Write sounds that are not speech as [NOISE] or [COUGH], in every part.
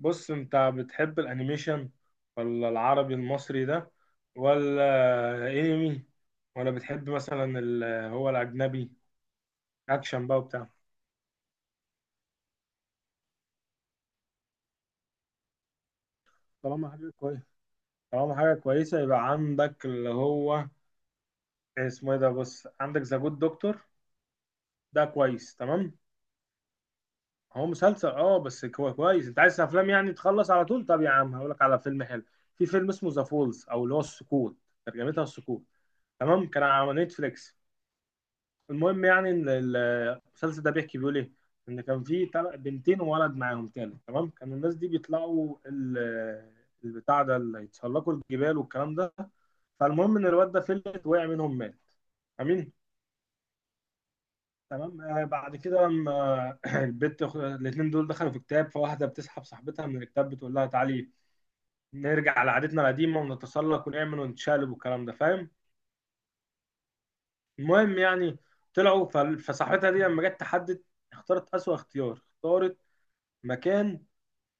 بص، انت بتحب الانيميشن؟ ولا العربي المصري ده؟ ولا انمي؟ ولا بتحب مثلا هو الاجنبي؟ اكشن بقى وبتاع. طالما حاجه كويس طالما حاجه كويسه يبقى عندك اللي هو اسمه ايه ده. بص، عندك ذا جود دكتور ده كويس تمام. هو مسلسل، بس كويس. انت عايز افلام يعني تخلص على طول؟ طب يا عم، هقول لك على فيلم حلو. في فيلم اسمه ذا فولز، او اللي هو السقوط، ترجمتها السقوط. تمام، كان على نتفليكس. المهم يعني إن المسلسل ده بيحكي بيقول ايه. ان كان في بنتين وولد معاهم تاني. تمام، كانوا الناس دي بيطلعوا البتاع ده اللي يتسلقوا الجبال والكلام ده. فالمهم ان الواد ده فلت، وقع منهم، مات. امين. تمام. بعد كده لما [CLEARS THROAT] البت الاثنين دول دخلوا في كتاب، فواحده بتسحب صاحبتها من الكتاب، بتقول لها تعالي نرجع لعادتنا القديمه ونتسلق ونعمل ونتشالب والكلام ده، فاهم؟ المهم يعني، طلعوا فصاحبتها دي لما جت تحدد، اختارت اسوأ اختيار، اختارت مكان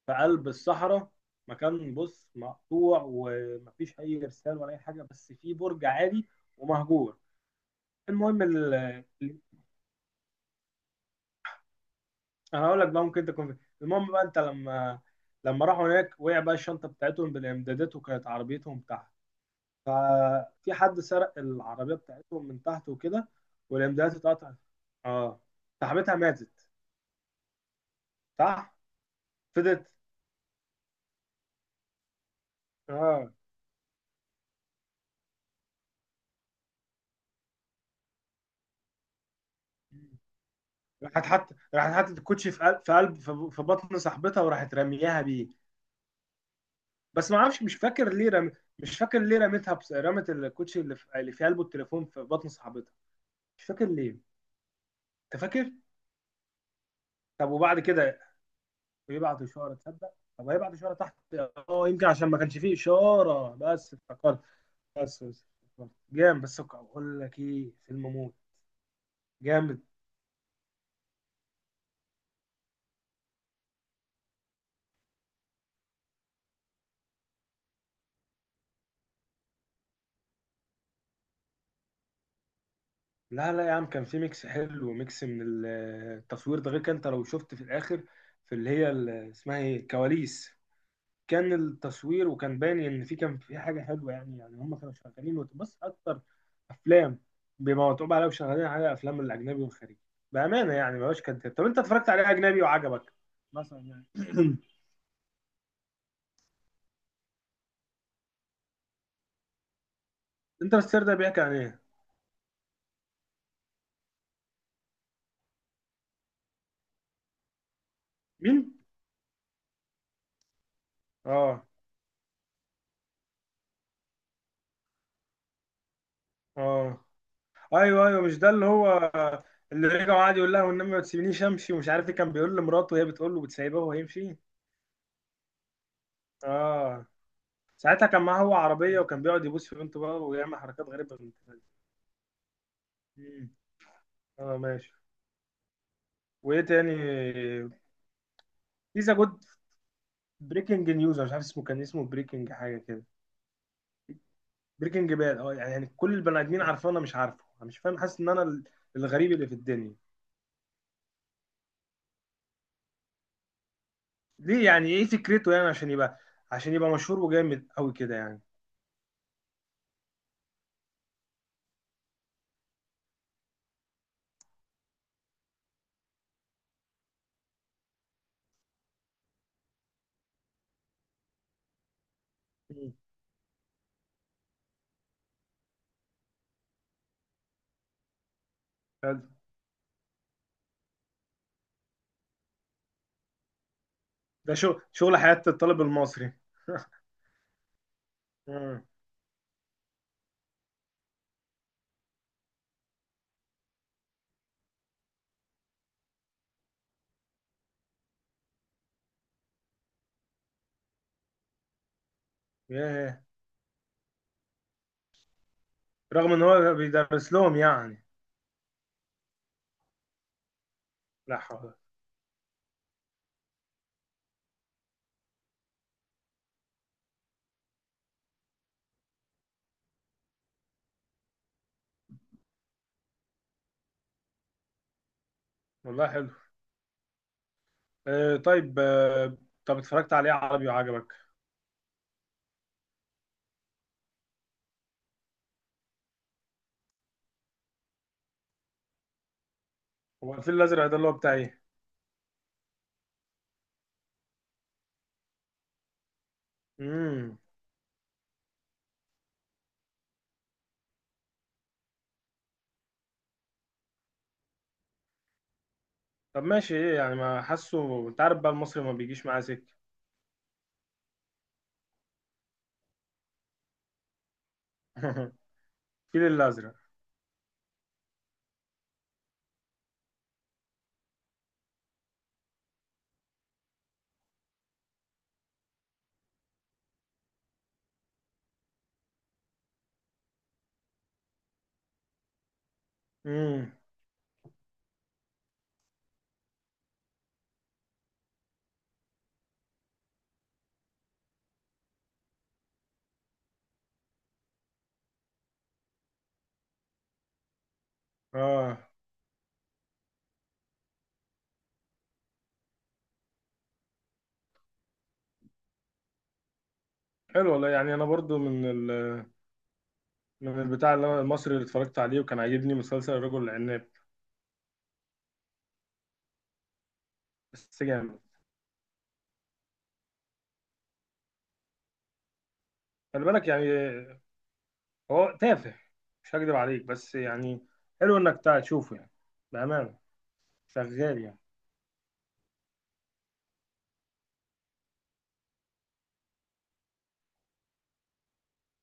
في قلب الصحراء. مكان بص مقطوع، ومفيش اي ارسال ولا اي حاجه، بس في برج عالي ومهجور. المهم ال- انا هقول لك بقى ممكن تكون فين. المهم بقى، انت لما راحوا هناك، وقع بقى الشنطه بتاعتهم بالامدادات، وكانت عربيتهم تحت. ففي حد سرق العربيه بتاعتهم من تحت وكده، والامدادات اتقطعت. اه صاحبتها ماتت. صح. فضلت. اه راحت حطت الكوتشي في قل- في قلب في في بطن صاحبتها، وراحت رمياها بيه. بس ما اعرفش، مش فاكر ليه مش فاكر ليه رميتها. بس رمت الكوتشي اللي في قلبه التليفون في بطن صاحبتها، مش فاكر ليه. انت فاكر؟ طب وبعد كده يبعت اشاره؟ تصدق؟ طب هيبعت اشاره تحت؟ اه يمكن عشان ما كانش فيه اشاره، بس افتكرت. بس افتكرت. جامد. بس اقول لك ايه، فيلم موت. جامد. لا، لا يا عم، كان في ميكس حلو وميكس من التصوير ده. غير كان انت لو شفت في الاخر، في اللي هي اسمها ايه، الكواليس. كان التصوير وكان باين ان كان في حاجه حلوه. يعني هم كانوا شغالين، وتبص اكتر افلام، بما متعوب عليها وشغالين عليها افلام الاجنبي والخارجي بامانه. يعني ما بقاش كداب. طب انت اتفرجت عليه اجنبي وعجبك مثلا يعني؟ [CLEARS THROAT] انت، السر ده بيحكي عن ايه؟ مين؟ اه، اه، ايوه، ايوه، مش ده اللي هو اللي رجع وقعد يقول لها والنبي ما تسيبنيش امشي، ومش عارف ايه كان بيقول لمراته، وهي بتقول له بتسيبه وهو يمشي. اه. ساعتها كان معاه هو عربيه، وكان بيقعد يبوس في بنته بقى، ويعمل حركات غريبه بنت الكلب. مم. اه، ماشي. وايه تاني؟ في ذا جود، بريكنج نيوز مش عارف اسمه، كان اسمه بريكنج حاجه كده. بريكنج باد! اه يعني كل البني ادمين عارفاه، انا مش عارفه، انا مش فاهم، حاسس ان انا الغريب اللي في الدنيا. ليه؟ يعني ايه فكرته؟ يعني عشان يبقى مشهور وجامد قوي كده يعني؟ مم. حلو. ده شو شغل حياة الطالب المصري! [LAUGHS] مم. ياه! رغم ان هو بيدرس لهم يعني. لا حول. والله حلو. آه، طيب. آه. طب اتفرجت عليه عربي وعجبك؟ هو الفيل الازرق ده اللي هو بتاع ايه؟ امم طب ماشي، ايه يعني، ما حاسه، انت عارف بقى، المصري ما بيجيش معاه سكه. [LAUGHS] الفيل الازرق. امم اه، حلو والله. يعني انا برضو من ال... من البتاع اللي المصري اللي اتفرجت عليه وكان عاجبني مسلسل الرجل العناب. بس جامد. خلي بالك يعني، هو تافه، مش هكدب عليك، بس يعني حلو انك تشوفه يعني، بأمانة، شغال يعني.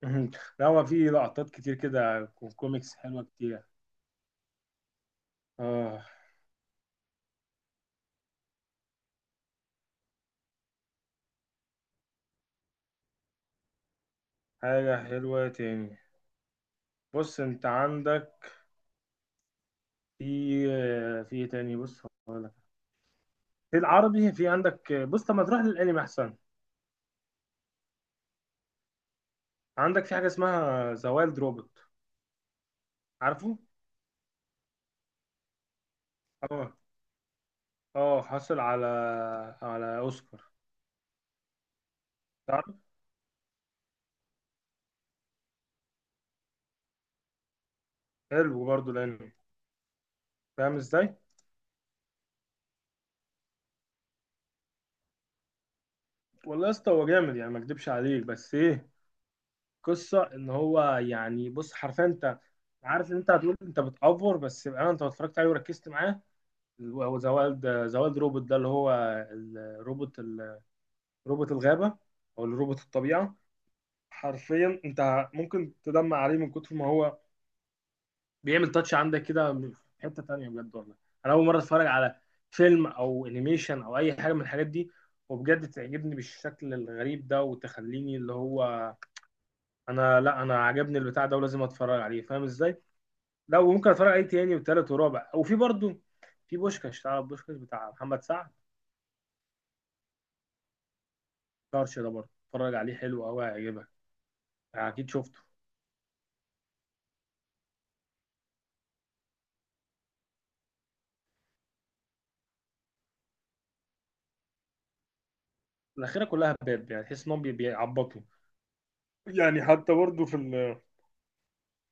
[LAUGHS] لا، هو في لقطات كتير كده كوميكس حلوة كتير. اه. حاجة حلوة تاني؟ بص انت عندك، في في ايه تاني، بص هقول لك. في العربي، في عندك، بص. طب ما تروح للانمي احسن. عندك في حاجة اسمها ذا وايلد روبوت، عارفه؟ اه، اه، حصل على اوسكار، تعرف. حلو برضه الانمي، فاهم ازاي؟ والله يا اسطى، هو جامد يعني، ما اكدبش عليك، بس ايه، قصه ان هو يعني بص، حرفيا انت عارف ان انت هتقول انت بتأفور، بس بقى انت لو اتفرجت عليه وركزت معاه. هو ذا وايلد روبوت ده، اللي هو الروبوت، روبوت الغابه، او الروبوت الطبيعه. حرفيا انت ممكن تدمع عليه من كتر ما هو بيعمل تاتش عندك كده في حته تانيه، بجد والله. انا اول مره اتفرج على فيلم او انيميشن او اي حاجه من الحاجات دي، وبجد تعجبني بالشكل الغريب ده، وتخليني اللي هو انا لا انا عجبني البتاع ده ولازم اتفرج عليه، فاهم ازاي. لا، وممكن اتفرج عليه تاني وتالت ورابع. وفي برضو، في بوشكاش، تعرف بوشكاش بتاع محمد سعد؟ طرش ده برضه اتفرج عليه، حلو قوي هيعجبك، يعني اكيد شفته. الاخيره كلها باب، يعني تحس انهم بيعبطوا يعني. حتى برضه في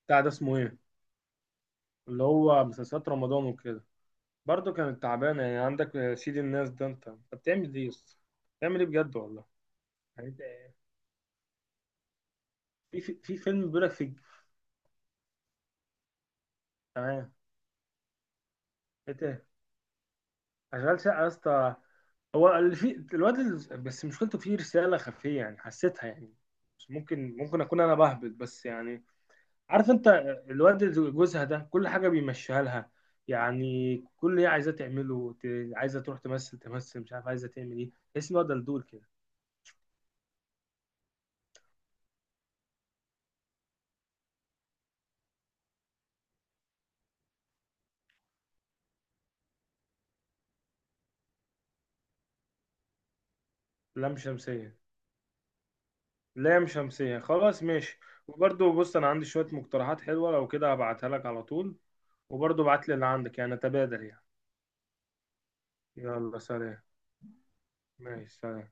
بتاع ده اسمه ايه، اللي هو مسلسلات رمضان وكده، برضه كانت تعبانه. يعني عندك سيد الناس ده، انت بتعمل ايه يا اسطى؟ بتعمل ايه بجد والله؟ يعني في فيلم بيقول لك، في تمام. انت، اشغال شقه يا اسطى، هو اللي في الواد بس مشكلته فيه رساله خفيه يعني حسيتها يعني، بس ممكن اكون انا بهبط بس يعني، عارف انت. الواد اللي جوزها ده، كل حاجه بيمشيها لها، يعني كل اللي هي عايزاه تعمله عايزه تروح تمثل مش عارف عايزه تعمل ايه. تحس ان هو دلدول كده. لام شمسيه، لام شمسيه، خلاص ماشي. وبرضه بص، انا عندي شويه مقترحات حلوه، لو كده هبعتها لك على طول. وبرضه ابعت لي اللي عندك، يعني تبادل يعني. يلا سلام. ماشي سلام.